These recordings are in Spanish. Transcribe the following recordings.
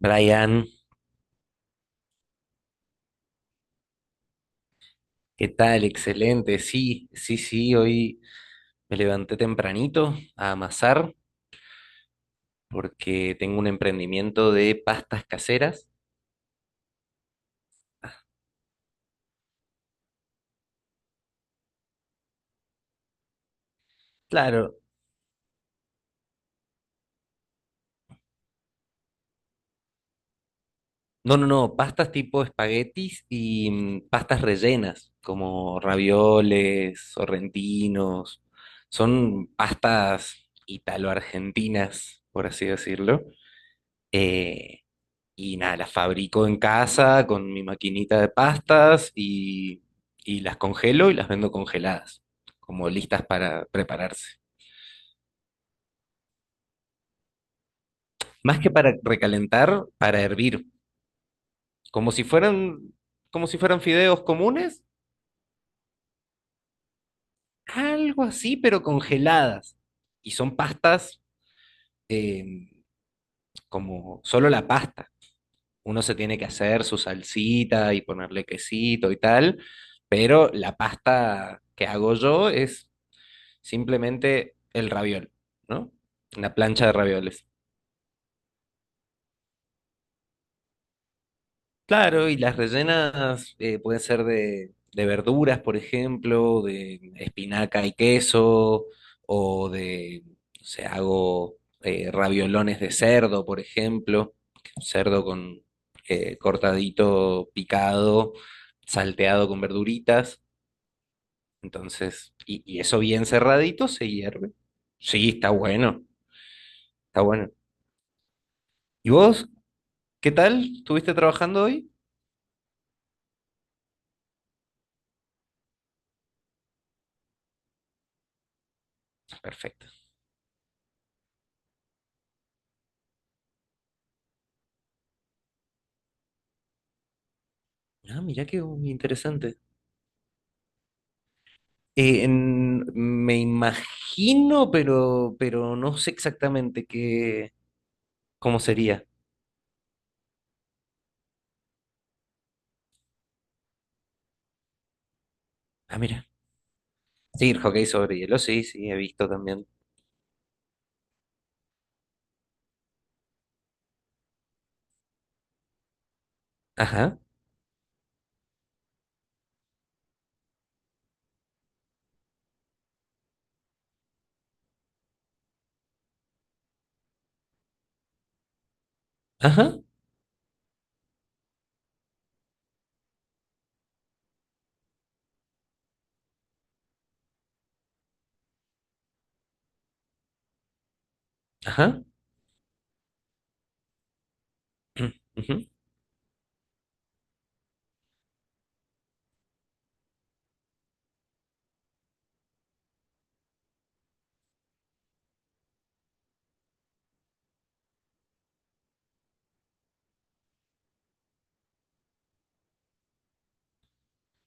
Brian, ¿qué tal? Excelente. Sí, sí, sí, hoy me levanté tempranito a amasar porque tengo un emprendimiento de pastas caseras. Claro. No, no, no, pastas tipo espaguetis y pastas rellenas, como ravioles, sorrentinos. Son pastas italo-argentinas, por así decirlo. Eh, Y nada, las fabrico en casa con mi maquinita de pastas y las congelo y las vendo congeladas, como listas para prepararse. Más que para recalentar, para hervir, como si fueran, como si fueran fideos comunes, algo así, pero congeladas. Y son pastas eh, como solo la pasta. Uno se tiene que hacer su salsita y ponerle quesito y tal, pero la pasta que hago yo es simplemente el raviol, ¿no? Una plancha de ravioles. Claro, y las rellenas pueden ser de verduras, por ejemplo, de espinaca y queso, o de, no sé, hago raviolones de cerdo, por ejemplo, cerdo con cortadito, picado, salteado con verduritas. Entonces, y eso bien cerradito se hierve. Sí, está bueno, está bueno. ¿Y vos ¿Qué tal? ¿Estuviste trabajando hoy? Perfecto. Ah, mira qué interesante. Me imagino, pero no sé exactamente qué, cómo sería. Ah, mira. Sí, el hockey sobre hielo, sí, sí, he visto también. Ajá, ajá, ajá. Ujú.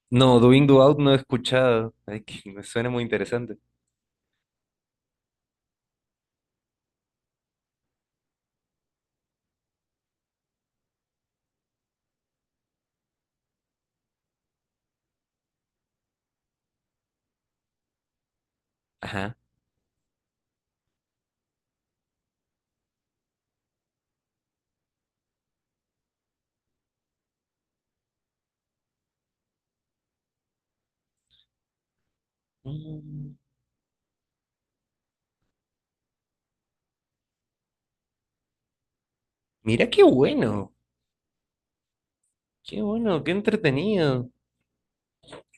No, Doing Do Out no he escuchado. Ay, que me suena muy interesante. Ajá. Mm, mira qué bueno, qué bueno, qué entretenido.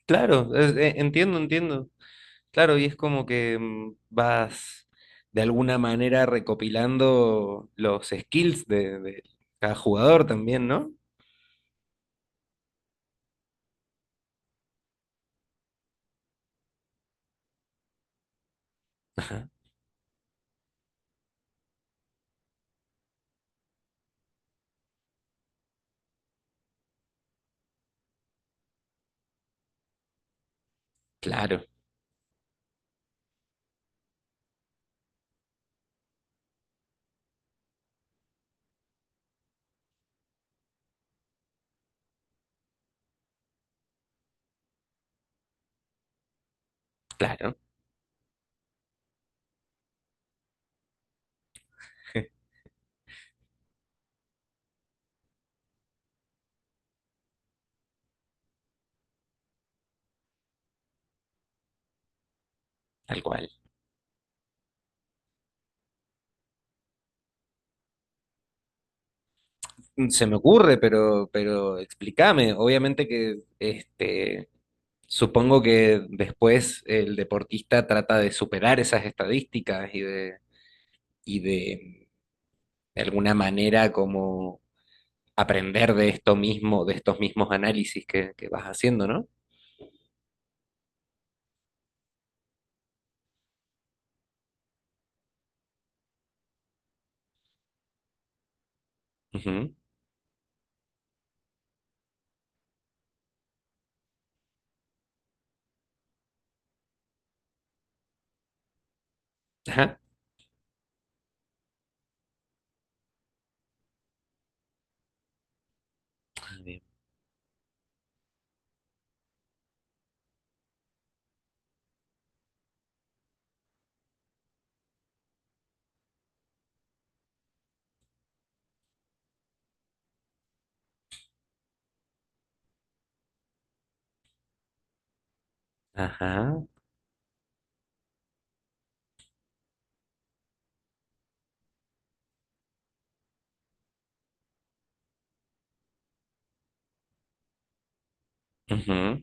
Claro, entiendo, entiendo. Claro, y es como que vas de alguna manera recopilando los skills de cada jugador también, ¿no? Ajá, claro, claro, tal cual. Mm, se me ocurre, pero explícame. Obviamente que este, supongo que después el deportista trata de superar esas estadísticas y de, de alguna manera como aprender de esto mismo, de estos mismos análisis que vas haciendo, ¿no? Ujú. Ajá. Bien. Ajá. Ujú.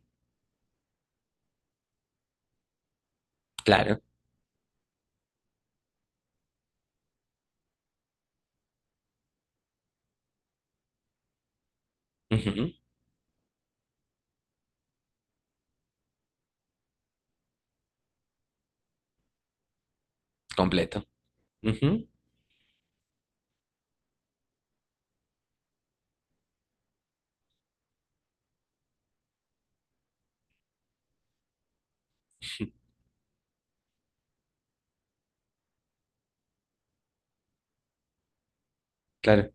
Claro. Ujú. Completo. Ujú. Claro.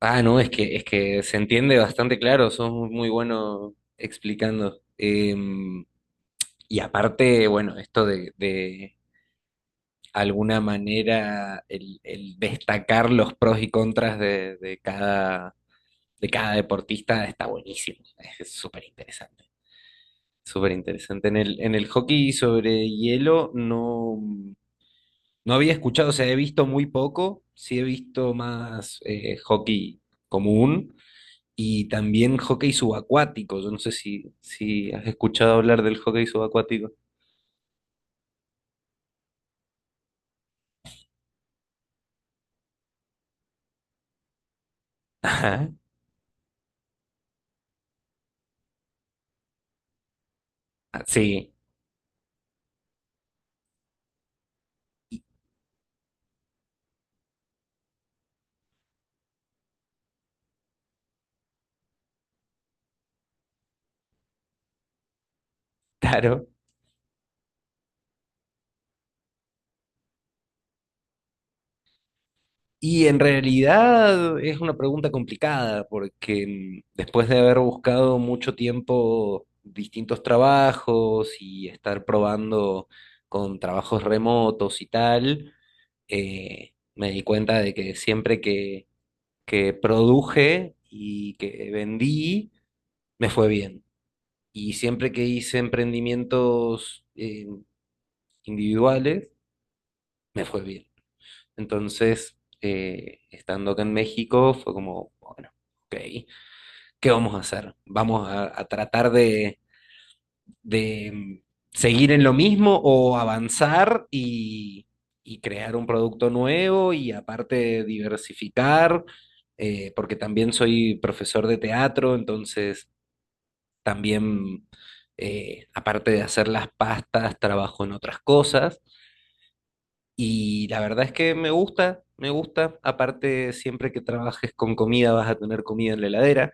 Ah, no, es que se entiende bastante claro, sos muy, muy bueno explicando. Y aparte, bueno, esto de alguna manera el destacar los pros y contras de cada deportista está buenísimo. Es súper interesante. Súper interesante. En el hockey sobre hielo no. No había escuchado, o sea, he visto muy poco, sí he visto más hockey común y también hockey subacuático. Yo no sé si has escuchado hablar del hockey subacuático. Ajá, ah, sí, y- claro. Y en realidad es una pregunta complicada porque después de haber buscado mucho tiempo distintos trabajos y estar probando con trabajos remotos y tal, me di cuenta de que siempre que produje y que vendí, me fue bien. Y siempre que hice emprendimientos individuales, me fue bien. Entonces, estando acá en México, fue como, bueno, ok, ¿qué vamos a hacer? ¿Vamos a tratar de seguir en lo mismo o avanzar y crear un producto nuevo y aparte diversificar, porque también soy profesor de teatro, entonces también, aparte de hacer las pastas, trabajo en otras cosas. Y la verdad es que me gusta, me gusta. Aparte, siempre que trabajes con comida vas a tener comida en la heladera.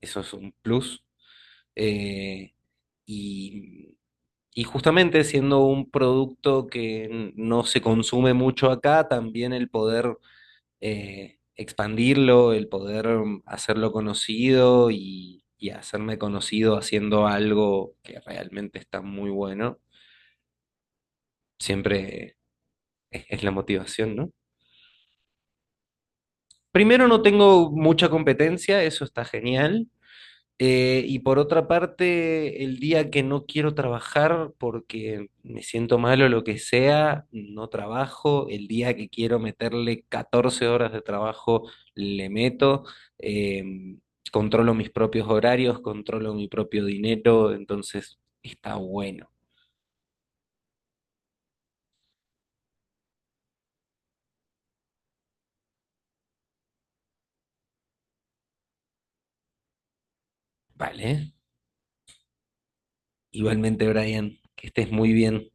Eso es un plus. Eh, y, y justamente siendo un producto que no se consume mucho acá, también el poder expandirlo, el poder hacerlo conocido y hacerme conocido haciendo algo que realmente está muy bueno, siempre es la motivación, ¿no? Primero no tengo mucha competencia, eso está genial. Y por otra parte, el día que no quiero trabajar porque me siento mal o lo que sea, no trabajo. El día que quiero meterle 14 horas de trabajo, le meto. Eh, Controlo mis propios horarios, controlo mi propio dinero, entonces está bueno. Vale. Igualmente, Brian, que estés muy bien.